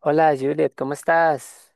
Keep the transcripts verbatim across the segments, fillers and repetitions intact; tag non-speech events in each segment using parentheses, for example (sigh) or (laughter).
Hola Juliet, ¿cómo estás?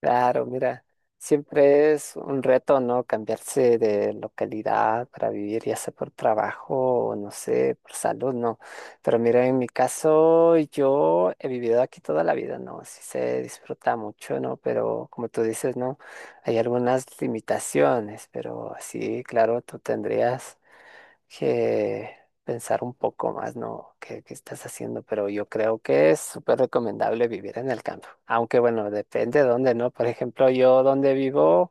Claro, mira, siempre es un reto, ¿no? Cambiarse de localidad para vivir, ya sea por trabajo o no sé, por salud, ¿no? Pero mira, en mi caso, yo he vivido aquí toda la vida, ¿no? Sí se disfruta mucho, ¿no? Pero como tú dices, ¿no? Hay algunas limitaciones, pero sí, claro, tú tendrías que pensar un poco más, ¿no? ¿Qué, qué estás haciendo? Pero yo creo que es súper recomendable vivir en el campo. Aunque bueno, depende de dónde, ¿no? Por ejemplo, yo donde vivo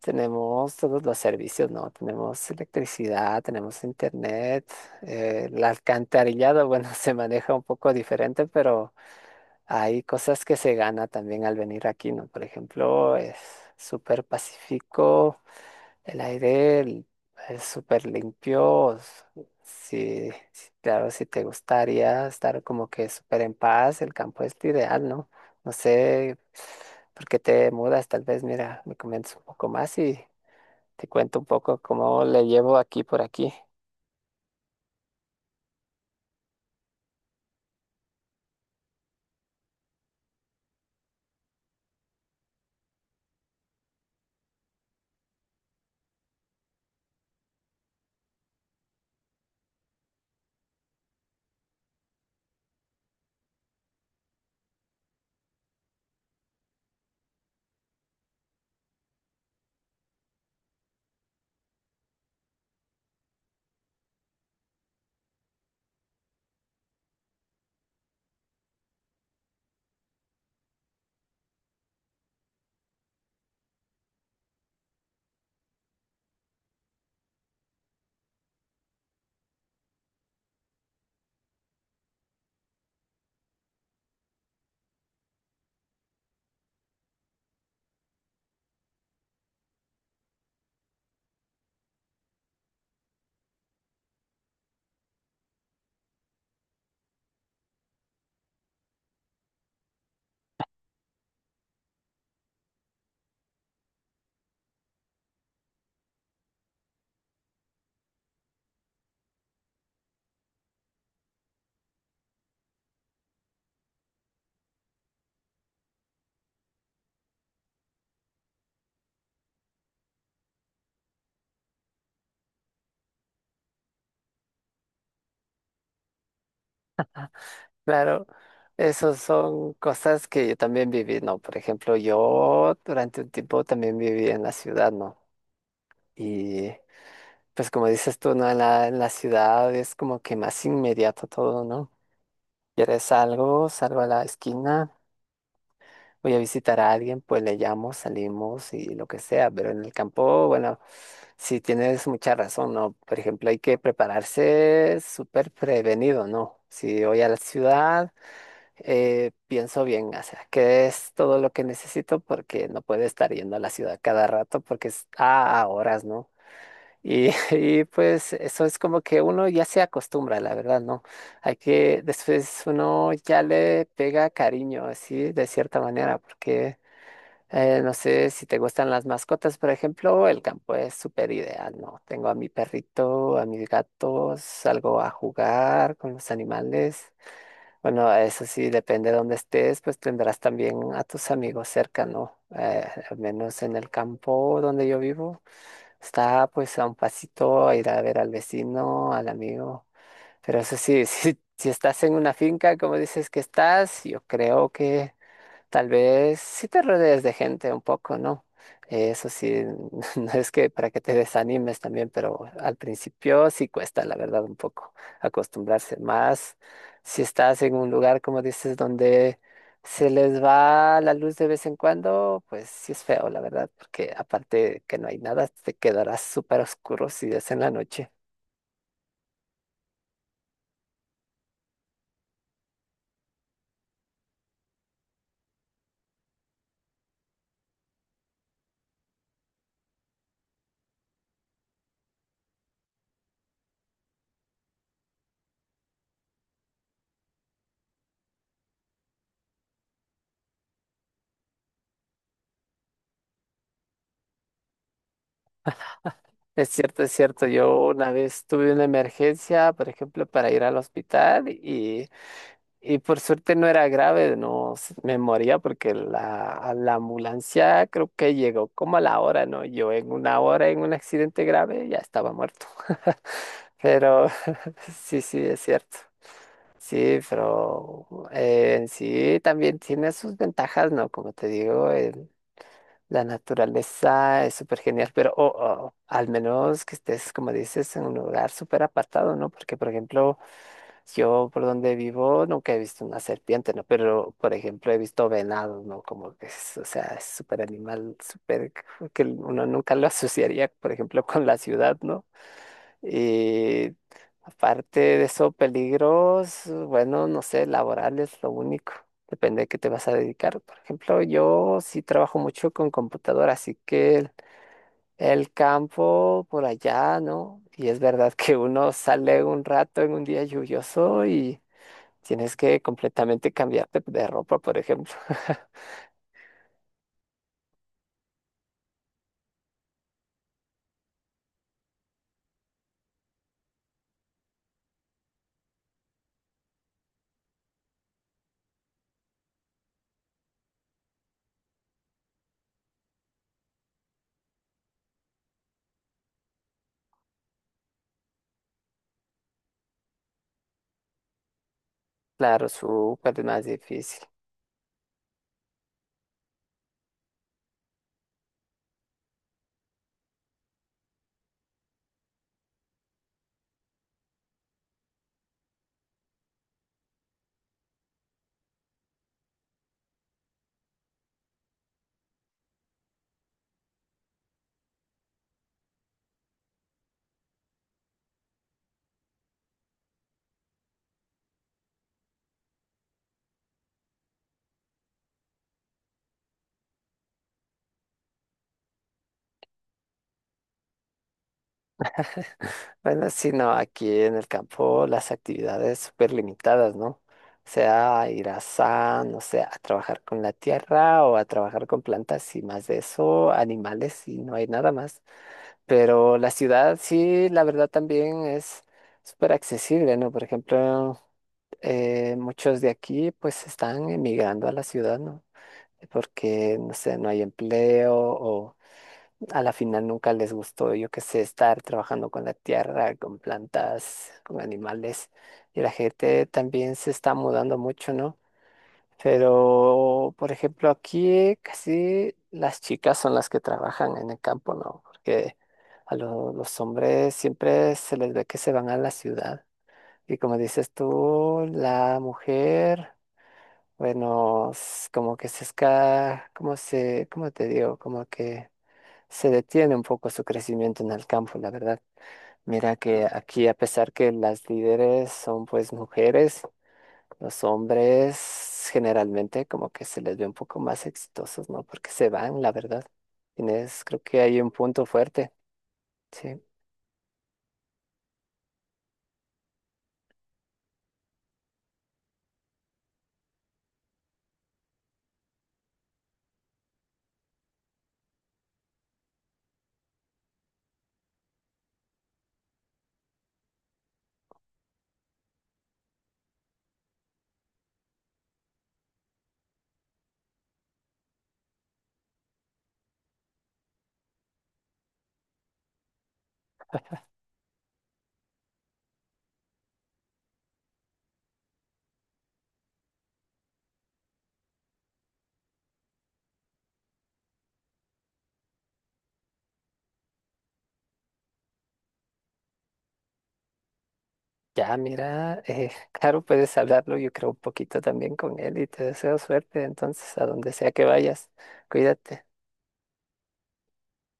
tenemos todos los servicios, ¿no? Tenemos electricidad, tenemos internet, eh, el alcantarillado, bueno, (laughs) se maneja un poco diferente, pero hay cosas que se gana también al venir aquí, ¿no? Por ejemplo, es súper pacífico, el aire l- es súper limpio. S- Sí, sí, claro, si te gustaría estar como que súper en paz, el campo es lo ideal, ¿no? No sé por qué te mudas, tal vez, mira, me comentas un poco más y te cuento un poco cómo le llevo aquí por aquí. Claro, esas son cosas que yo también viví, ¿no? Por ejemplo, yo durante un tiempo también viví en la ciudad, ¿no? Y pues como dices tú, ¿no? En la, en la ciudad es como que más inmediato todo, ¿no? Quieres algo, salgo a la esquina, voy a visitar a alguien, pues le llamo, salimos y lo que sea, pero en el campo, bueno, sí tienes mucha razón, ¿no? Por ejemplo, hay que prepararse súper prevenido, ¿no? Si voy a la ciudad, eh, pienso bien, o sea, que es todo lo que necesito porque no puedo estar yendo a la ciudad cada rato porque es a, a horas, ¿no? Y (laughs) y pues eso es como que uno ya se acostumbra, la verdad, ¿no? Hay que, después uno ya le pega cariño, así, de cierta manera, porque eh, no sé si te gustan las mascotas, por ejemplo, el campo es súper ideal, ¿no? Tengo a mi perrito, a mis gatos, salgo a jugar con los animales. Bueno, eso sí, depende de dónde estés, pues tendrás también a tus amigos cerca, ¿no? Eh, al menos en el campo donde yo vivo, está pues a un pasito a ir a ver al vecino, al amigo. Pero eso sí, (laughs) si, si estás en una finca, como dices que estás, yo creo que tal vez sí te rodees de gente un poco, ¿no? Eh, eso sí, (laughs) no es que para que te desanimes también, pero al principio sí cuesta, la verdad, un poco acostumbrarse más. Si estás en un lugar, como dices, donde se les va la luz de vez en cuando, pues sí es feo, la verdad, porque aparte que no hay nada, te quedarás súper oscuro si es en la noche. Es cierto, es cierto. Yo una vez tuve una emergencia, por ejemplo, para ir al hospital y Y por suerte no era grave, no s- me moría porque la, la ambulancia creo que llegó como a la hora, ¿no? Yo en una hora en un accidente grave ya estaba muerto. (laughs) Pero (laughs) sí, sí, es cierto. Sí, pero eh, en sí también tiene sus ventajas, ¿no? Como te digo, el- la naturaleza es súper genial, pero o- o, al menos que estés, como dices, en un lugar súper apartado, ¿no? Porque, por ejemplo, yo por donde vivo nunca he visto una serpiente, ¿no? Pero, por ejemplo, he visto venados, ¿no? Como que es, o sea, es súper animal, súper, que uno nunca lo (laughs) asociaría, por ejemplo, con la ciudad, ¿no? Y aparte de eso, peligros, bueno, no sé, laborales, lo único. Depende de qué te vas a dedicar. Por ejemplo, yo sí trabajo mucho con computadora, así que el, el campo por allá, ¿no? Y es verdad que uno sale un rato en un día lluvioso y tienes que completamente cambiarte de ropa, por ejemplo. (laughs) Claro, súper más difícil. (laughs) Bueno, sí, no, aquí en el campo las actividades súper limitadas, ¿no? O sea, ir a san, o sea, a trabajar con la tierra o a trabajar con plantas y más de eso, animales y no hay nada más. Pero la ciudad sí, la verdad también es súper accesible, ¿no? Por ejemplo, eh, muchos de aquí pues están emigrando a la ciudad, ¿no? Porque, no sé, no hay empleo o a la final nunca les gustó, yo qué sé, estar trabajando con la tierra, con plantas, con animales. Y la gente también se está mudando mucho, ¿no? Pero, por ejemplo, aquí casi las chicas son las que trabajan en el campo, ¿no? Porque a lo- los hombres siempre se les ve que se van a la ciudad. Y como dices tú, la mujer, bueno, s- como que se esca, como se, cómo te digo, como que se detiene un poco su crecimiento en el campo, la verdad. Mira que aquí, a pesar que las líderes son pues mujeres, los hombres generalmente como que se les ve un poco más exitosos, ¿no? Porque se van, la verdad. Tienes, creo que hay un punto fuerte. Sí. Ya, mira, eh, (laughs) claro, puedes hablarlo, yo creo un poquito también con él y te deseo suerte, entonces, a donde sea que vayas, cuídate.